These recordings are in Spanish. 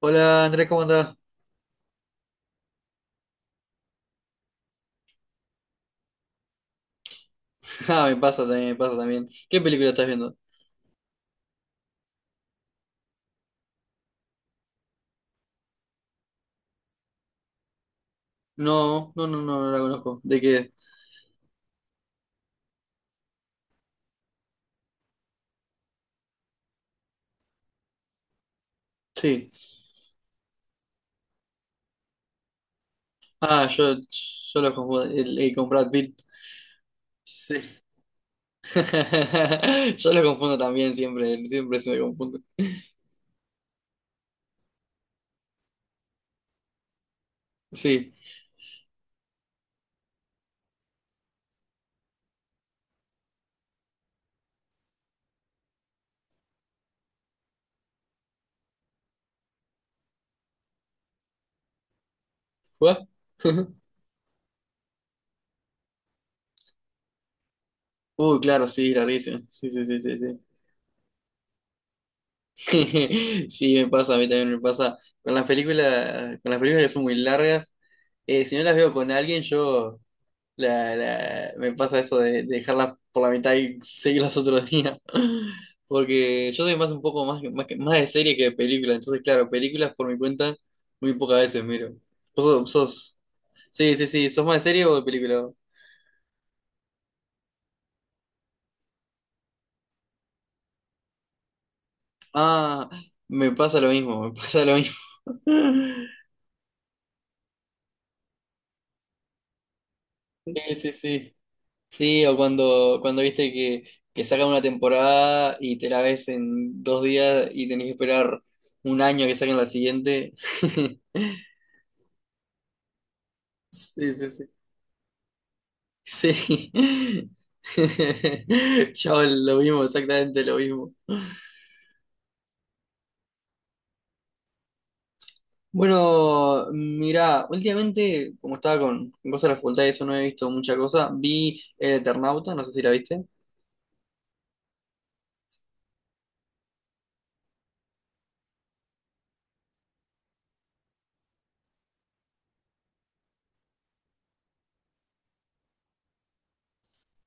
Hola Andrés, ¿cómo andás? Ah, me pasa también, me pasa también. ¿Qué película estás viendo? No, no, no, no, no la conozco. ¿De qué? Sí. Ah, yo lo confundo. El con Brad Pitt. Sí. Yo lo confundo también siempre, siempre se me confundo. Sí. ¿What? Uy, claro, sí, la risa. Sí, sí, sí, sí, sí. Sí, me pasa, a mí también me pasa. Con las películas que son muy largas, si no las veo con alguien, yo. Me pasa eso de dejarlas por la mitad y seguirlas otro día. Porque yo soy más un poco más, más, más de serie que de película. Entonces, claro, películas por mi cuenta muy pocas veces miro. Vos sos. Sí, sí, sí. ¿Sos más de serie o de película? Ah, me pasa lo mismo, me pasa lo mismo. Sí, sí, sí. Sí, o cuando, cuando viste que sacan una temporada y te la ves en dos días y tenés que esperar un año que saquen la siguiente. Sí, sí, sí. Sí. Yo lo mismo, exactamente lo mismo. Bueno, mira, últimamente, como estaba con cosas de la facultad y eso no he visto mucha cosa, vi El Eternauta, no sé si la viste.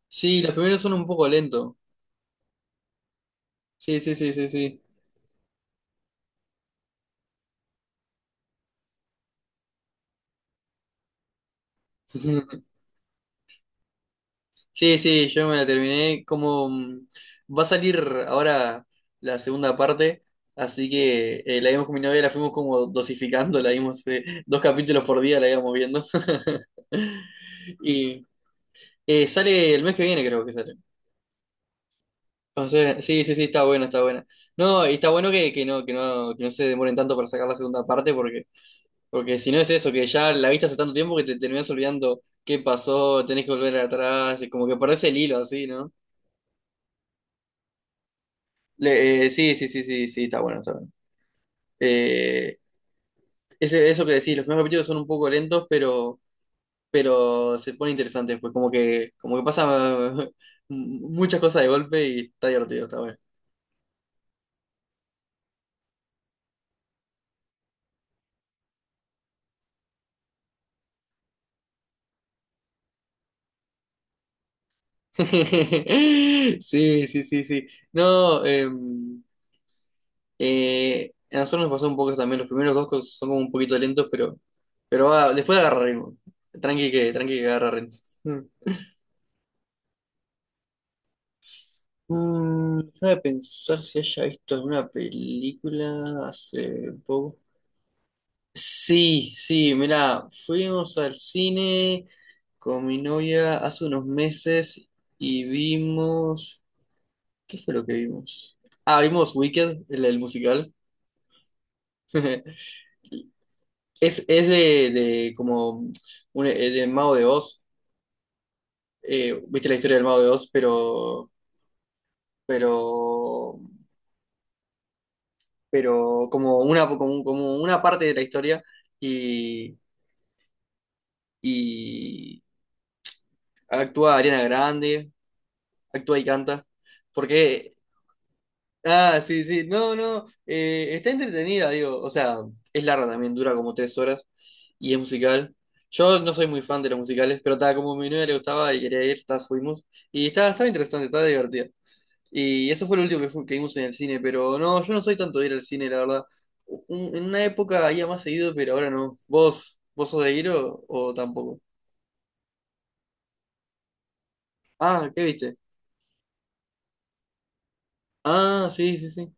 Sí, los primeros son un poco lentos. Sí, sí, sí, sí, sí. Sí, sí, yo me la terminé. Como va a salir ahora la segunda parte, así que la vimos con mi novia, la fuimos como dosificando, la vimos dos capítulos por día, la íbamos viendo. Y sale el mes que viene, creo que sale. O sea, sí, sí, sí, está bueno, está bueno. No, y está bueno que no, que no, que no se demoren tanto para sacar la segunda parte, porque, porque si no es eso, que ya la viste hace tanto tiempo que te terminás olvidando qué pasó, tenés que volver atrás, y como que perdés el hilo así, ¿no? Sí, sí, sí, sí, sí, está bueno, está bueno. Eh, ese, eso que decís, los primeros capítulos son un poco lentos, pero se pone interesante después, como que pasa muchas cosas de golpe y está divertido, está bueno. Sí, sí, sí, sí. No, a nosotros nos pasó un poco también, los primeros dos son como un poquito lentos, pero, después agarra ritmo. Tranqui que agarra ritmo. Déjame pensar si haya visto alguna película hace poco. Sí, sí, mirá, fuimos al cine con mi novia hace unos meses y vimos... ¿Qué fue lo que vimos? Ah, vimos Wicked, el musical. Es de como un, de Mago de Oz. Viste la historia del Mago de Oz, pero, pero como una, como, como una parte de la historia y actúa Ariana Grande, actúa y canta. Porque, ah, sí, sí, no, no, está entretenida, digo, o sea, es larga también, dura como tres horas y es musical. Yo no soy muy fan de los musicales, pero estaba como a mi novia le gustaba y quería ir, tas fuimos. Y estaba, estaba interesante, estaba divertida. Y eso fue lo último que vimos en el cine, pero no, yo no soy tanto de ir al cine, la verdad. En una época iba más seguido, pero ahora no. ¿Vos, vos sos de ir o tampoco? Ah, ¿qué viste? Ah, sí, sí, sí.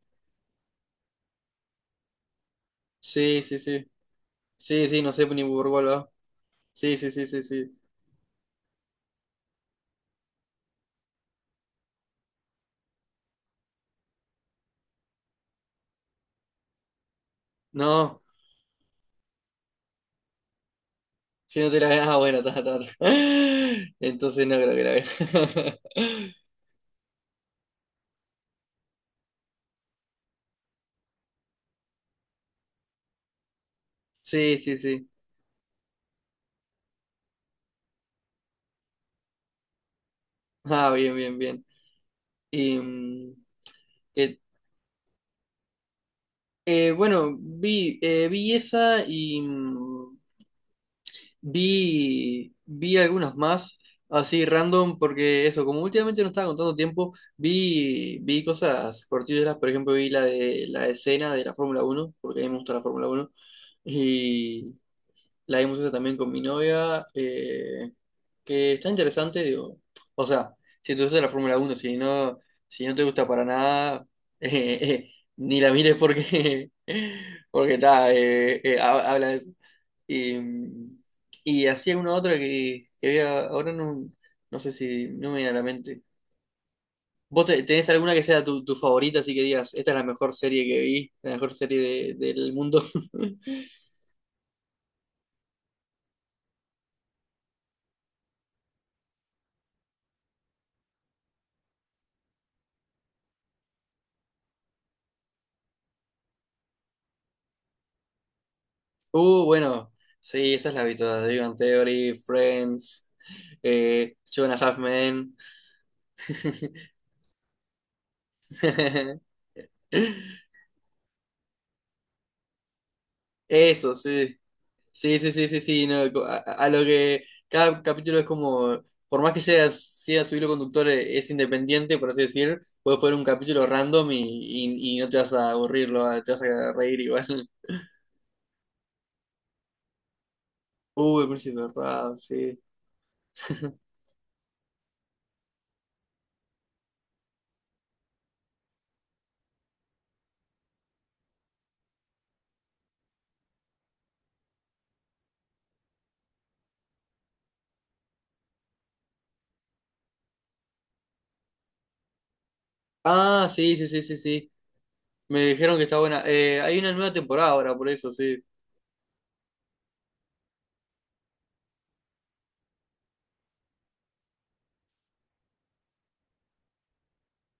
Sí, sí, sí. Sí, sí, no sé ni por cuál va. Sí, sí, sí, sí, sí. No, si no te la veas, ah, bueno, ta, ta, ta. Entonces no creo que la vea. Sí, sí, sí. Ah, bien, bien, bien. Y, que- bueno, vi esa y. Vi algunos más así random porque eso, como últimamente no estaba contando tiempo, vi cosas cortillas, por ejemplo vi la de la escena de la Fórmula uno porque a mí me gusta la Fórmula uno y la vimos esa también con mi novia, que está interesante, digo, o sea, si te gusta la Fórmula uno si no, si no te gusta para nada, eh, eh, ni la mires porque, porque está, habla de eso. Y, mm, y hacía una otra que había, ahora no, no sé si no me viene a la mente. ¿Vos tenés alguna que sea tu, tu favorita, así que digas, esta es la mejor serie que vi, la mejor serie del mundo? Bueno, sí, esas las vi todas, The Big Bang Theory, Friends, Two and a Half Men. Eso, sí. Sí, sí, sí, sí, sí, no, co- a lo que cada capítulo es como, por más que sea, sea su hilo conductor, es independiente, por así decir, puedes poner un capítulo random y no te vas a aburrir, te vas a reír igual. Uy, el príncipe de Rap, sí. Ah, sí, sí, sí, sí, sí. Me dijeron que está buena. Hay una nueva temporada ahora, por eso, sí.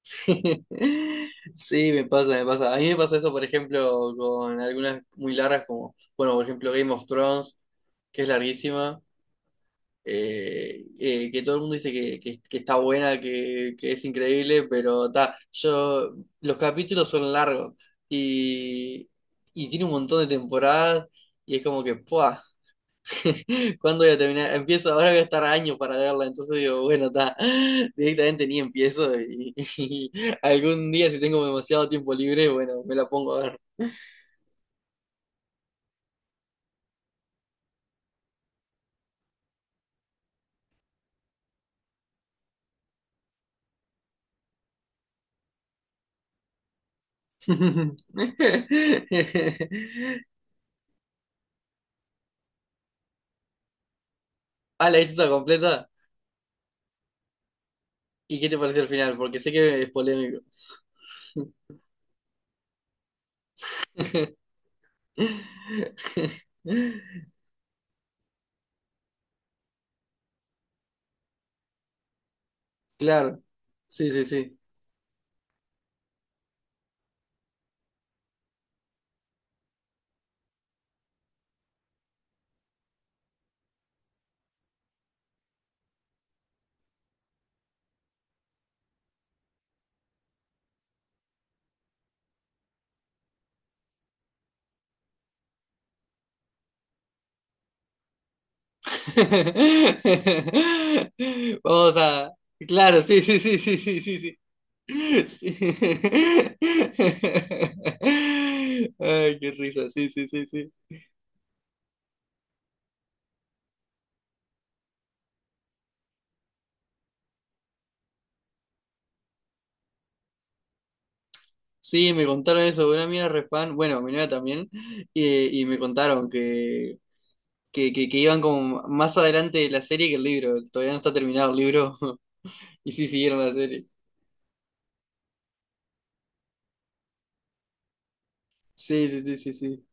Sí, me pasa, me pasa. A mí me pasa eso, por ejemplo, con algunas muy largas, como, bueno, por ejemplo, Game of Thrones, que es larguísima. Que todo el mundo dice que está buena, que es increíble, pero ta, yo, los capítulos son largos y, y tiene un montón de temporadas y es como que, ¡pua! ¿Cuándo voy a terminar? Empiezo, ahora voy a estar años para verla, entonces digo, bueno, está, directamente ni empiezo y algún día si tengo demasiado tiempo libre, bueno, me la pongo a ver. Ah, ¿la viste toda completa? ¿Y qué te pareció el final? Porque sé que es polémico. Claro, sí, sí, sí. Vamos a... Claro, sí, sí, sí, sí, sí, sí, sí. Sí. Ay, qué risa, sí, sí, sí, sí. Sí, me contaron eso, una amiga refan, bueno, mi novia también, y me contaron que iban como más adelante de la serie que el libro, todavía no está terminado el libro, y sí siguieron la serie. Sí, sí, sí, sí, sí,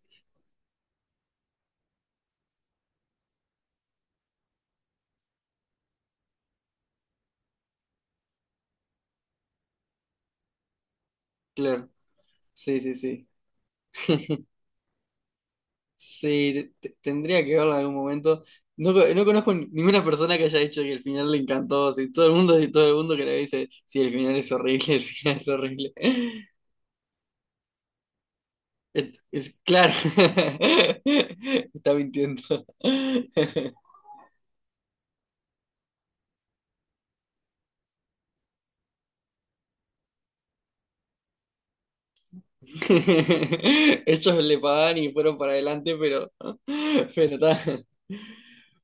claro. Sí, sí, sí. Sí, tendría que verlo en algún momento. No conozco ninguna persona que haya dicho que el final le encantó. Si todo el mundo, si todo el mundo que le dice, sí, el final es horrible, el final es horrible. Claro. Está mintiendo. Ellos le pagan y fueron para adelante, pero, pero está.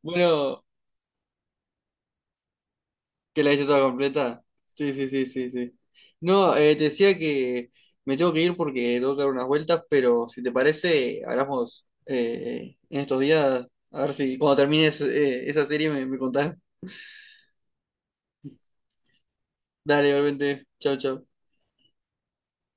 Bueno. ¿Que la hice toda completa? Sí, sí, sí, sí, sí. No, te decía que me tengo que ir porque tengo que dar unas vueltas, pero si te parece, hablamos en estos días. A ver si cuando termines esa serie me contás. Dale, igualmente. Chau, chau.